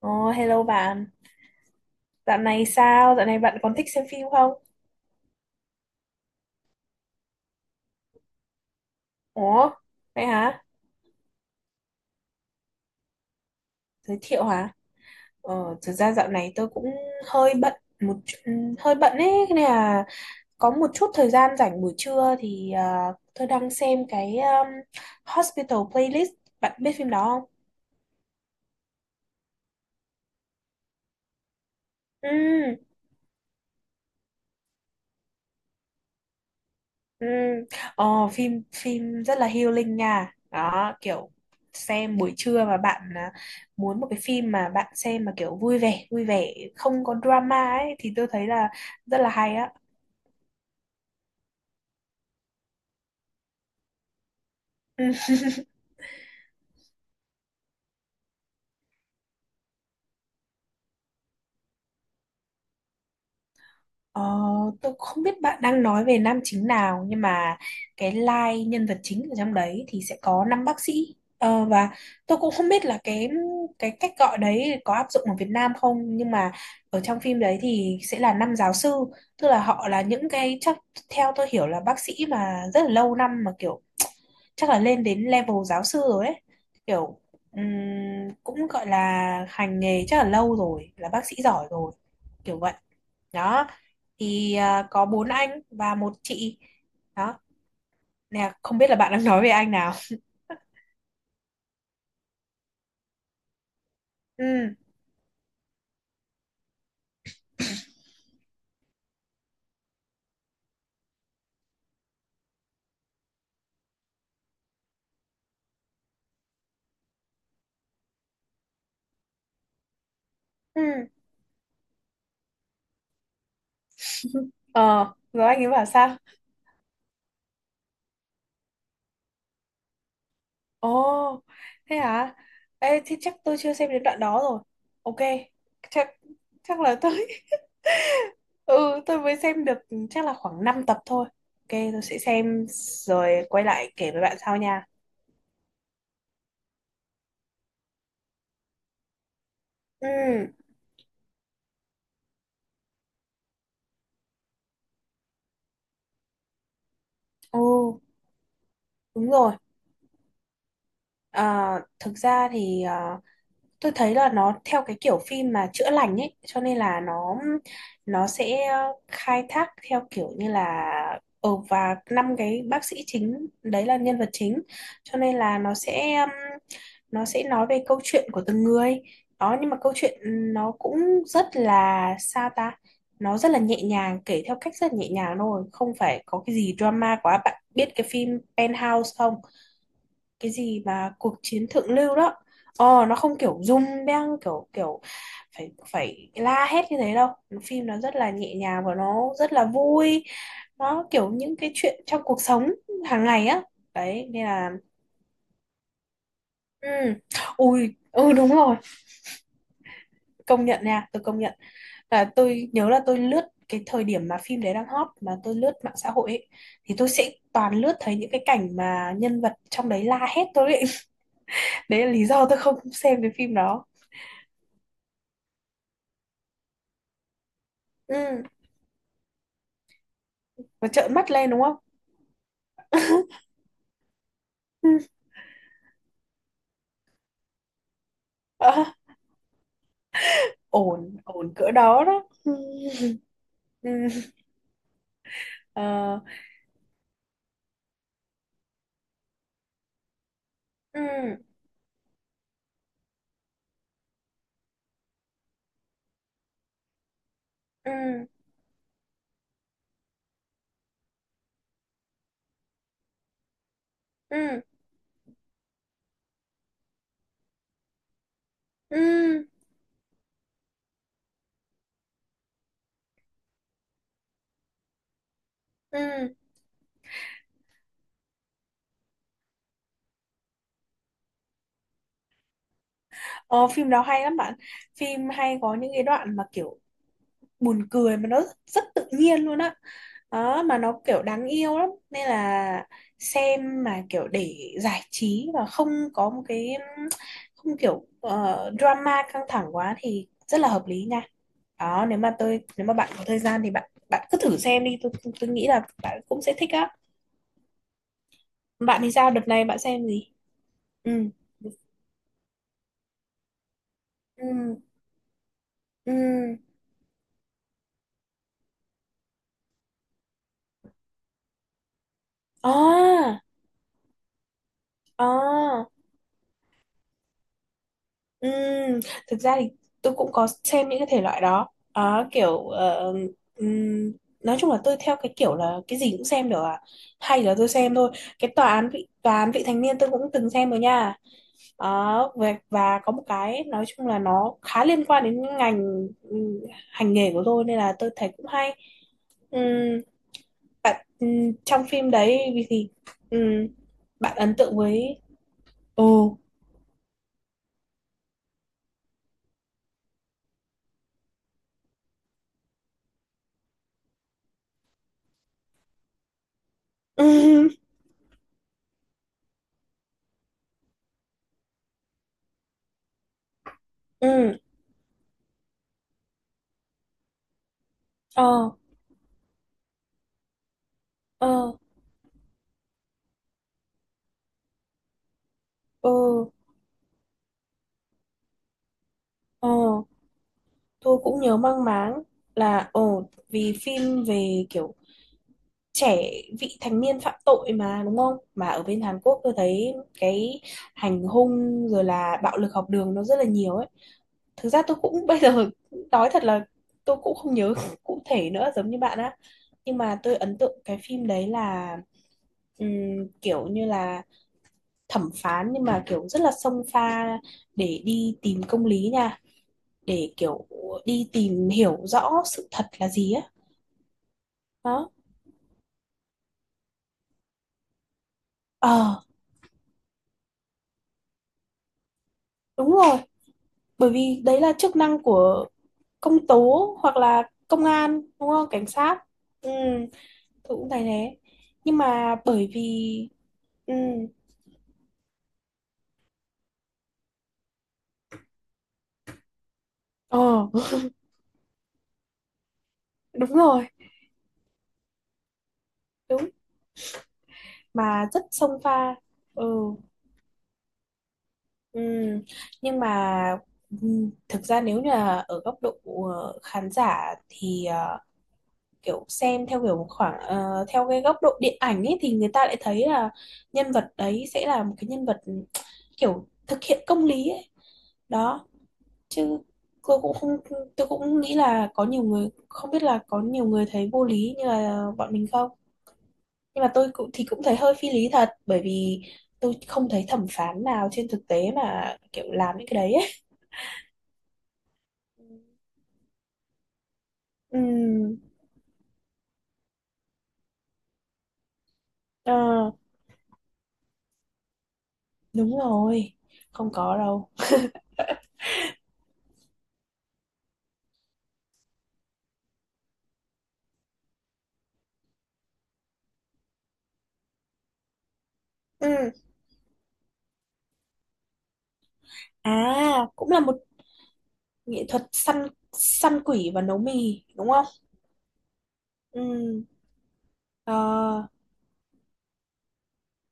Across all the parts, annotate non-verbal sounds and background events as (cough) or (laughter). Ồ, hello bạn. Dạo này sao? Dạo này bạn còn thích xem phim không? Ủa, vậy hả? Giới thiệu hả? Thực ra dạo này tôi cũng hơi bận hơi bận ấy, thế nên là có một chút thời gian rảnh buổi trưa thì tôi đang xem cái Hospital Playlist. Bạn biết phim đó không? Ừ. Ừ. Ờ, phim phim rất là healing nha, đó kiểu xem buổi trưa mà bạn muốn một cái phim mà bạn xem mà kiểu vui vẻ không có drama ấy thì tôi thấy là rất là hay á. Ừ. (laughs) Ờ, tôi không biết bạn đang nói về nam chính nào, nhưng mà cái line nhân vật chính ở trong đấy thì sẽ có năm bác sĩ. Ờ, và tôi cũng không biết là cái cách gọi đấy có áp dụng ở Việt Nam không, nhưng mà ở trong phim đấy thì sẽ là năm giáo sư, tức là họ là những cái, chắc theo tôi hiểu là bác sĩ mà rất là lâu năm, mà kiểu chắc là lên đến level giáo sư rồi ấy, kiểu ừm, cũng gọi là hành nghề chắc là lâu rồi, là bác sĩ giỏi rồi kiểu vậy đó. Thì có bốn anh và một chị đó, nè không biết là bạn đang nói về anh nào. Ừ. Ừ. ờ rồi anh ấy bảo sao? Ồ, thế hả? Ê, thì chắc tôi chưa xem đến đoạn đó rồi. Ok, chắc chắc là tôi. (laughs) Ừ, tôi mới xem được chắc là khoảng 5 tập thôi. Ok, tôi sẽ xem rồi quay lại kể với bạn sau nha. Ừ. Ồ, đúng rồi. à, thực ra thì tôi thấy là nó theo cái kiểu phim mà chữa lành ấy, cho nên là nó sẽ khai thác theo kiểu như là ừ, và năm cái bác sĩ chính đấy là nhân vật chính, cho nên là nó sẽ nói về câu chuyện của từng người đó. Nhưng mà câu chuyện nó cũng rất là, sao ta, nó rất là nhẹ nhàng, kể theo cách rất là nhẹ nhàng thôi, không phải có cái gì drama quá. Bạn biết cái phim Penthouse không? Cái gì mà cuộc chiến thượng lưu đó. Nó không kiểu rung beng kiểu kiểu phải phải la hét như thế đâu. Phim nó rất là nhẹ nhàng và nó rất là vui, nó kiểu những cái chuyện trong cuộc sống hàng ngày á. Đấy nên là ừ. Ui, ừ đúng rồi, công nhận nha, tôi công nhận là tôi nhớ là tôi lướt cái thời điểm mà phim đấy đang hot mà tôi lướt mạng xã hội ấy, thì tôi sẽ toàn lướt thấy những cái cảnh mà nhân vật trong đấy la hét tôi ấy. (laughs) Đấy là lý do tôi không xem cái phim đó. Ừ, nó trợn mắt lên đúng không? (laughs) Ờ, ổn ổn cỡ đó đó. Ừ. (laughs) Ừ. Ờ. Ừ. Ừ. Ừ. Ừ. Ừ. Ờ, phim đó hay lắm bạn. Phim hay, có những cái đoạn mà kiểu buồn cười mà nó rất tự nhiên luôn á. Đó, mà nó kiểu đáng yêu lắm, nên là xem mà kiểu để giải trí và không có một cái, không kiểu drama căng thẳng quá, thì rất là hợp lý nha. Đó, nếu mà bạn có thời gian thì bạn bạn cứ thử xem đi, tôi nghĩ là bạn cũng sẽ thích á. Bạn thì sao, đợt này bạn xem gì? Ừ. Ừ. Ừ. À. À. Ừ, thực ra thì tôi cũng có xem những cái thể loại đó. Đó, kiểu ừm, nói chung là tôi theo cái kiểu là cái gì cũng xem được à, hay là tôi xem thôi. Cái tòa án vị thành niên tôi cũng từng xem rồi nha. Đó, và có một cái, nói chung là nó khá liên quan đến ngành hành nghề của tôi, nên là tôi thấy cũng hay. Ừm, bạn trong phim đấy vì thì ừm, bạn ấn tượng với... Ồ. (laughs) Ừ. Ừ. Ờ. Ờ. Ờ. Ờ. Tôi cũng nhớ mang máng là, ồ vì phim về kiểu trẻ vị thành niên phạm tội mà đúng không? Mà ở bên Hàn Quốc tôi thấy cái hành hung rồi là bạo lực học đường nó rất là nhiều ấy. Thực ra tôi cũng (laughs) bây giờ nói thật là tôi cũng không nhớ cụ thể nữa, giống như bạn á. Nhưng mà tôi ấn tượng cái phim đấy là kiểu như là thẩm phán nhưng mà kiểu rất là xông pha để đi tìm công lý nha, để kiểu đi tìm hiểu rõ sự thật là gì á. Đó. Ờ, đúng rồi, bởi vì đấy là chức năng của công tố hoặc là công an, đúng không, cảnh sát. Ừ, tôi cũng thấy thế. Nhưng mà bởi vì ừ. Ờ đúng rồi, đúng, mà rất xông pha. Ừ. Ừ. Nhưng mà ừ, thực ra nếu như là ở góc độ khán giả thì kiểu xem theo kiểu khoảng theo cái góc độ điện ảnh ấy thì người ta lại thấy là nhân vật đấy sẽ là một cái nhân vật kiểu thực hiện công lý ấy. Đó, chứ tôi cũng không tôi cũng nghĩ là có nhiều người, không biết là có nhiều người thấy vô lý như là bọn mình không. Nhưng mà tôi cũng thì cũng thấy hơi phi lý thật, bởi vì tôi không thấy thẩm phán nào trên thực tế mà kiểu làm những cái đấy ấy. Ừ. ờ, đúng rồi, không có đâu. Ừ. À, cũng là một nghệ thuật săn săn quỷ và nấu mì đúng không? Ừ. Ờ.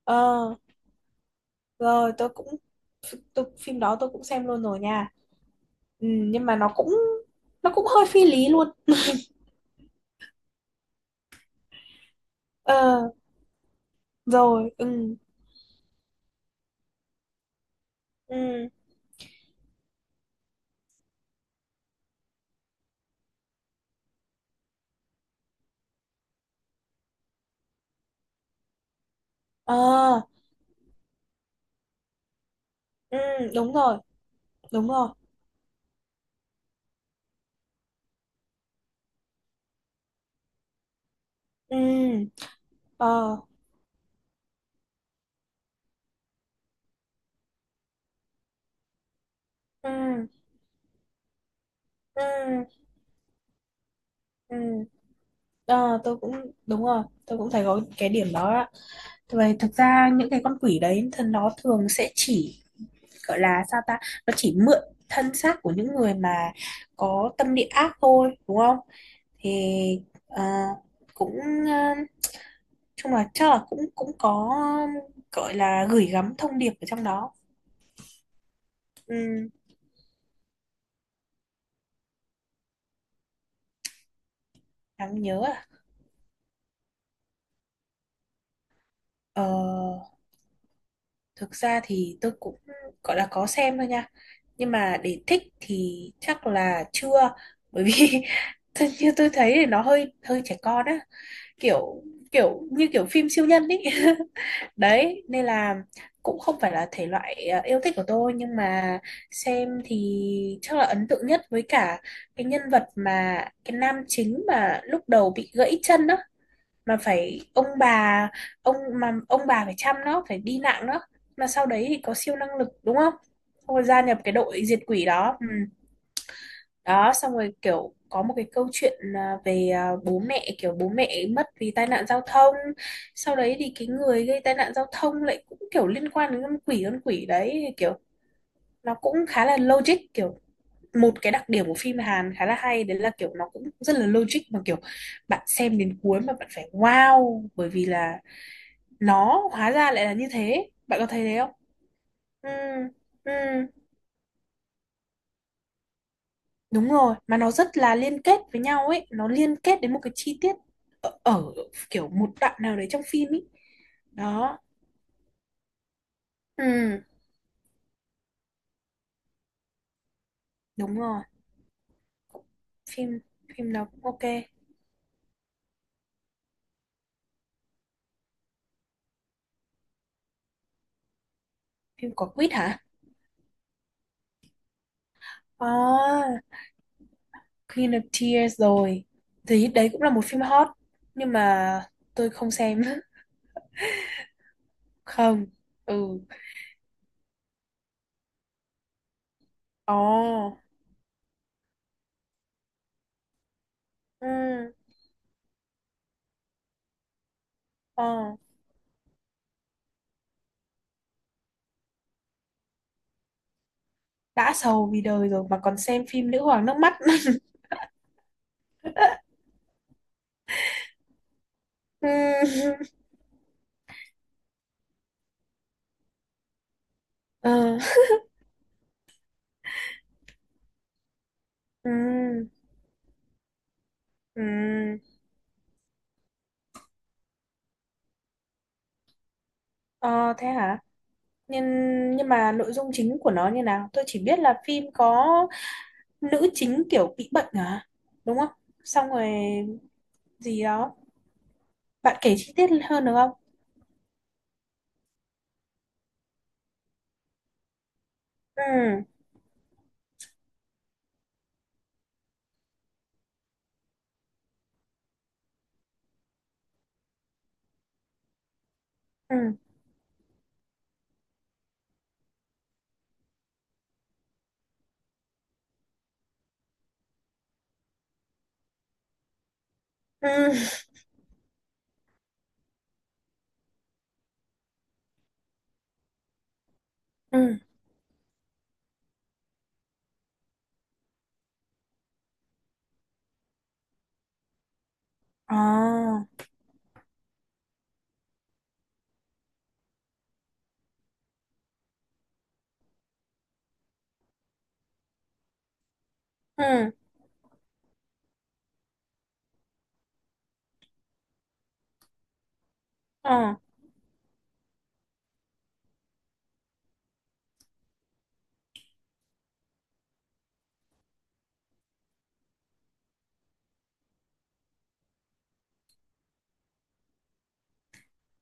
Ờ, rồi tôi, phim đó tôi cũng xem luôn rồi nha. Ừ, nhưng mà nó cũng hơi phi lý luôn. Ờ, rồi. Ừ. Ừ. Ờ. Ừ đúng rồi. Đúng rồi. Ừ. Ờ. Ừ. Ừ. Ừ. Ờ, tôi cũng, đúng rồi, tôi cũng thấy có cái điểm đó ạ. Vậy thực ra những cái con quỷ đấy thì nó thường sẽ chỉ, gọi là sao ta, nó chỉ mượn thân xác của những người mà có tâm địa ác thôi, đúng không? Thì ờ, cũng ờ, chung là chắc là cũng cũng có, gọi là gửi gắm thông điệp ở trong đó. Ừ. Đáng nhớ à? Ờ, thực ra thì tôi cũng gọi là có xem thôi nha. Nhưng mà để thích thì chắc là chưa. Bởi vì (laughs) thật như tôi thấy thì nó hơi hơi trẻ con á, kiểu kiểu như kiểu phim siêu nhân ấy. (laughs) Đấy, nên là cũng không phải là thể loại yêu thích của tôi, nhưng mà xem thì chắc là ấn tượng nhất với cả cái nhân vật mà cái nam chính mà lúc đầu bị gãy chân đó, mà phải ông bà, ông bà phải chăm nó phải đi nặng nó, mà sau đấy thì có siêu năng lực đúng không? Xong rồi gia nhập cái đội diệt quỷ đó. Ừ. Đó, xong rồi kiểu có một cái câu chuyện về bố mẹ mất vì tai nạn giao thông. Sau đấy thì cái người gây tai nạn giao thông lại cũng kiểu liên quan đến con quỷ đấy, kiểu nó cũng khá là logic, kiểu một cái đặc điểm của phim Hàn khá là hay đấy là kiểu nó cũng rất là logic, mà kiểu bạn xem đến cuối mà bạn phải wow bởi vì là nó hóa ra lại là như thế. Bạn có thấy thế không? Ừ. Ừ, đúng rồi, mà nó rất là liên kết với nhau ấy, nó liên kết đến một cái chi tiết ở kiểu một đoạn nào đấy trong phim ấy. Đó. Ừ, đúng rồi. Phim phim nào cũng ok. Phim có quýt hả? À, Queen of Tears rồi, thì đấy cũng là một phim hot, nhưng mà tôi không xem. (laughs) Không. Ừ. Ồ. Ừ. Ờ, đã sầu vì đời rồi mà còn xem phim Nữ hoàng nước mắt. (laughs) Ừm, ờ, ừm, ừm. Ờ, thế hả? Nhưng nhưng mà nội dung chính của nó như nào? Tôi chỉ biết là phim có nữ chính kiểu bị bệnh à? Đúng không? Xong rồi gì đó. Bạn kể chi tiết hơn được không? Ừ. Ừ. Ừ. Ừ. À, ừ. Ờ.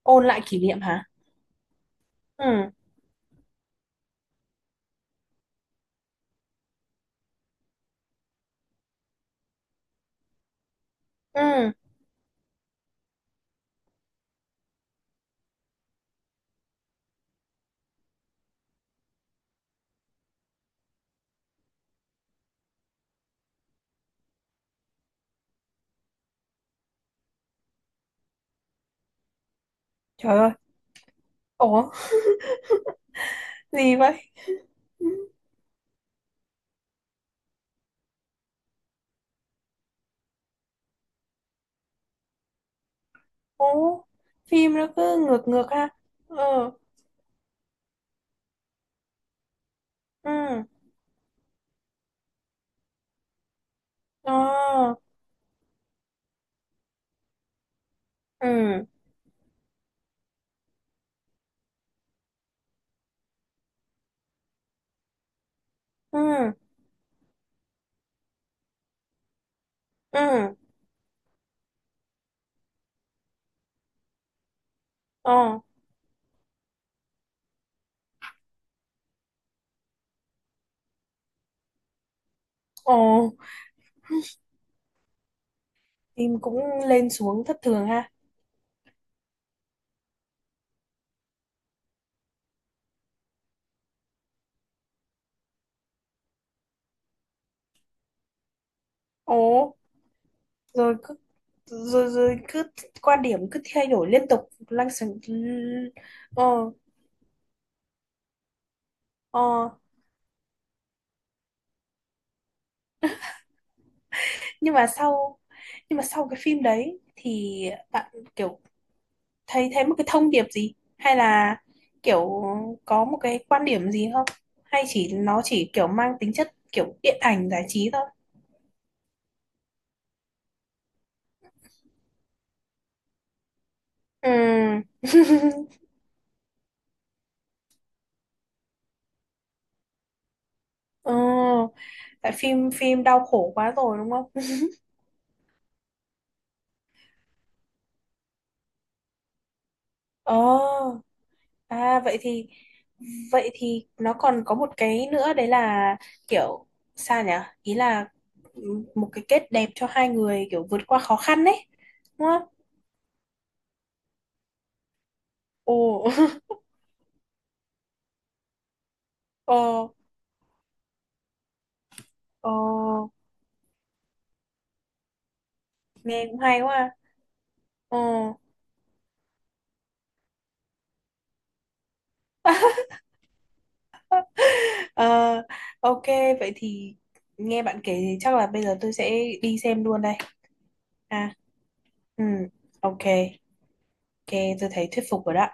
Ôn lại kỷ niệm hả? Ừ. Ừ. Trời ơi. Ủa, gì vậy? Ồ, phim nó cứ ngược ngược ha. Ừ. Ừ. Ờ. Ừ. Ừ. Ừ. Ờ. Ồ, phim cũng lên xuống thất thường ha. Ồ, rồi cứ rồi cứ quan điểm cứ thay đổi liên tục lăng xăng. Ờ. Ờ. nhưng mà sau nhưng mà sau cái phim đấy thì bạn kiểu thấy thấy một cái thông điệp gì, hay là kiểu có một cái quan điểm gì không, hay nó chỉ kiểu mang tính chất kiểu điện ảnh giải trí thôi? Ừ. (laughs) Ừ, tại phim phim đau khổ quá rồi đúng không? Ờ. À, vậy thì nó còn có một cái nữa đấy là kiểu, sao nhỉ, ý là một cái kết đẹp cho hai người kiểu vượt qua khó khăn đấy đúng không? Ồ. (laughs) Ồ. Ồ, nghe cũng hay quá. Ờ. (laughs) ờ, ok, vậy thì nghe bạn kể thì chắc là bây giờ tôi sẽ đi xem luôn đây. À. Ừ. Ok, ok tôi thấy thuyết phục rồi đó.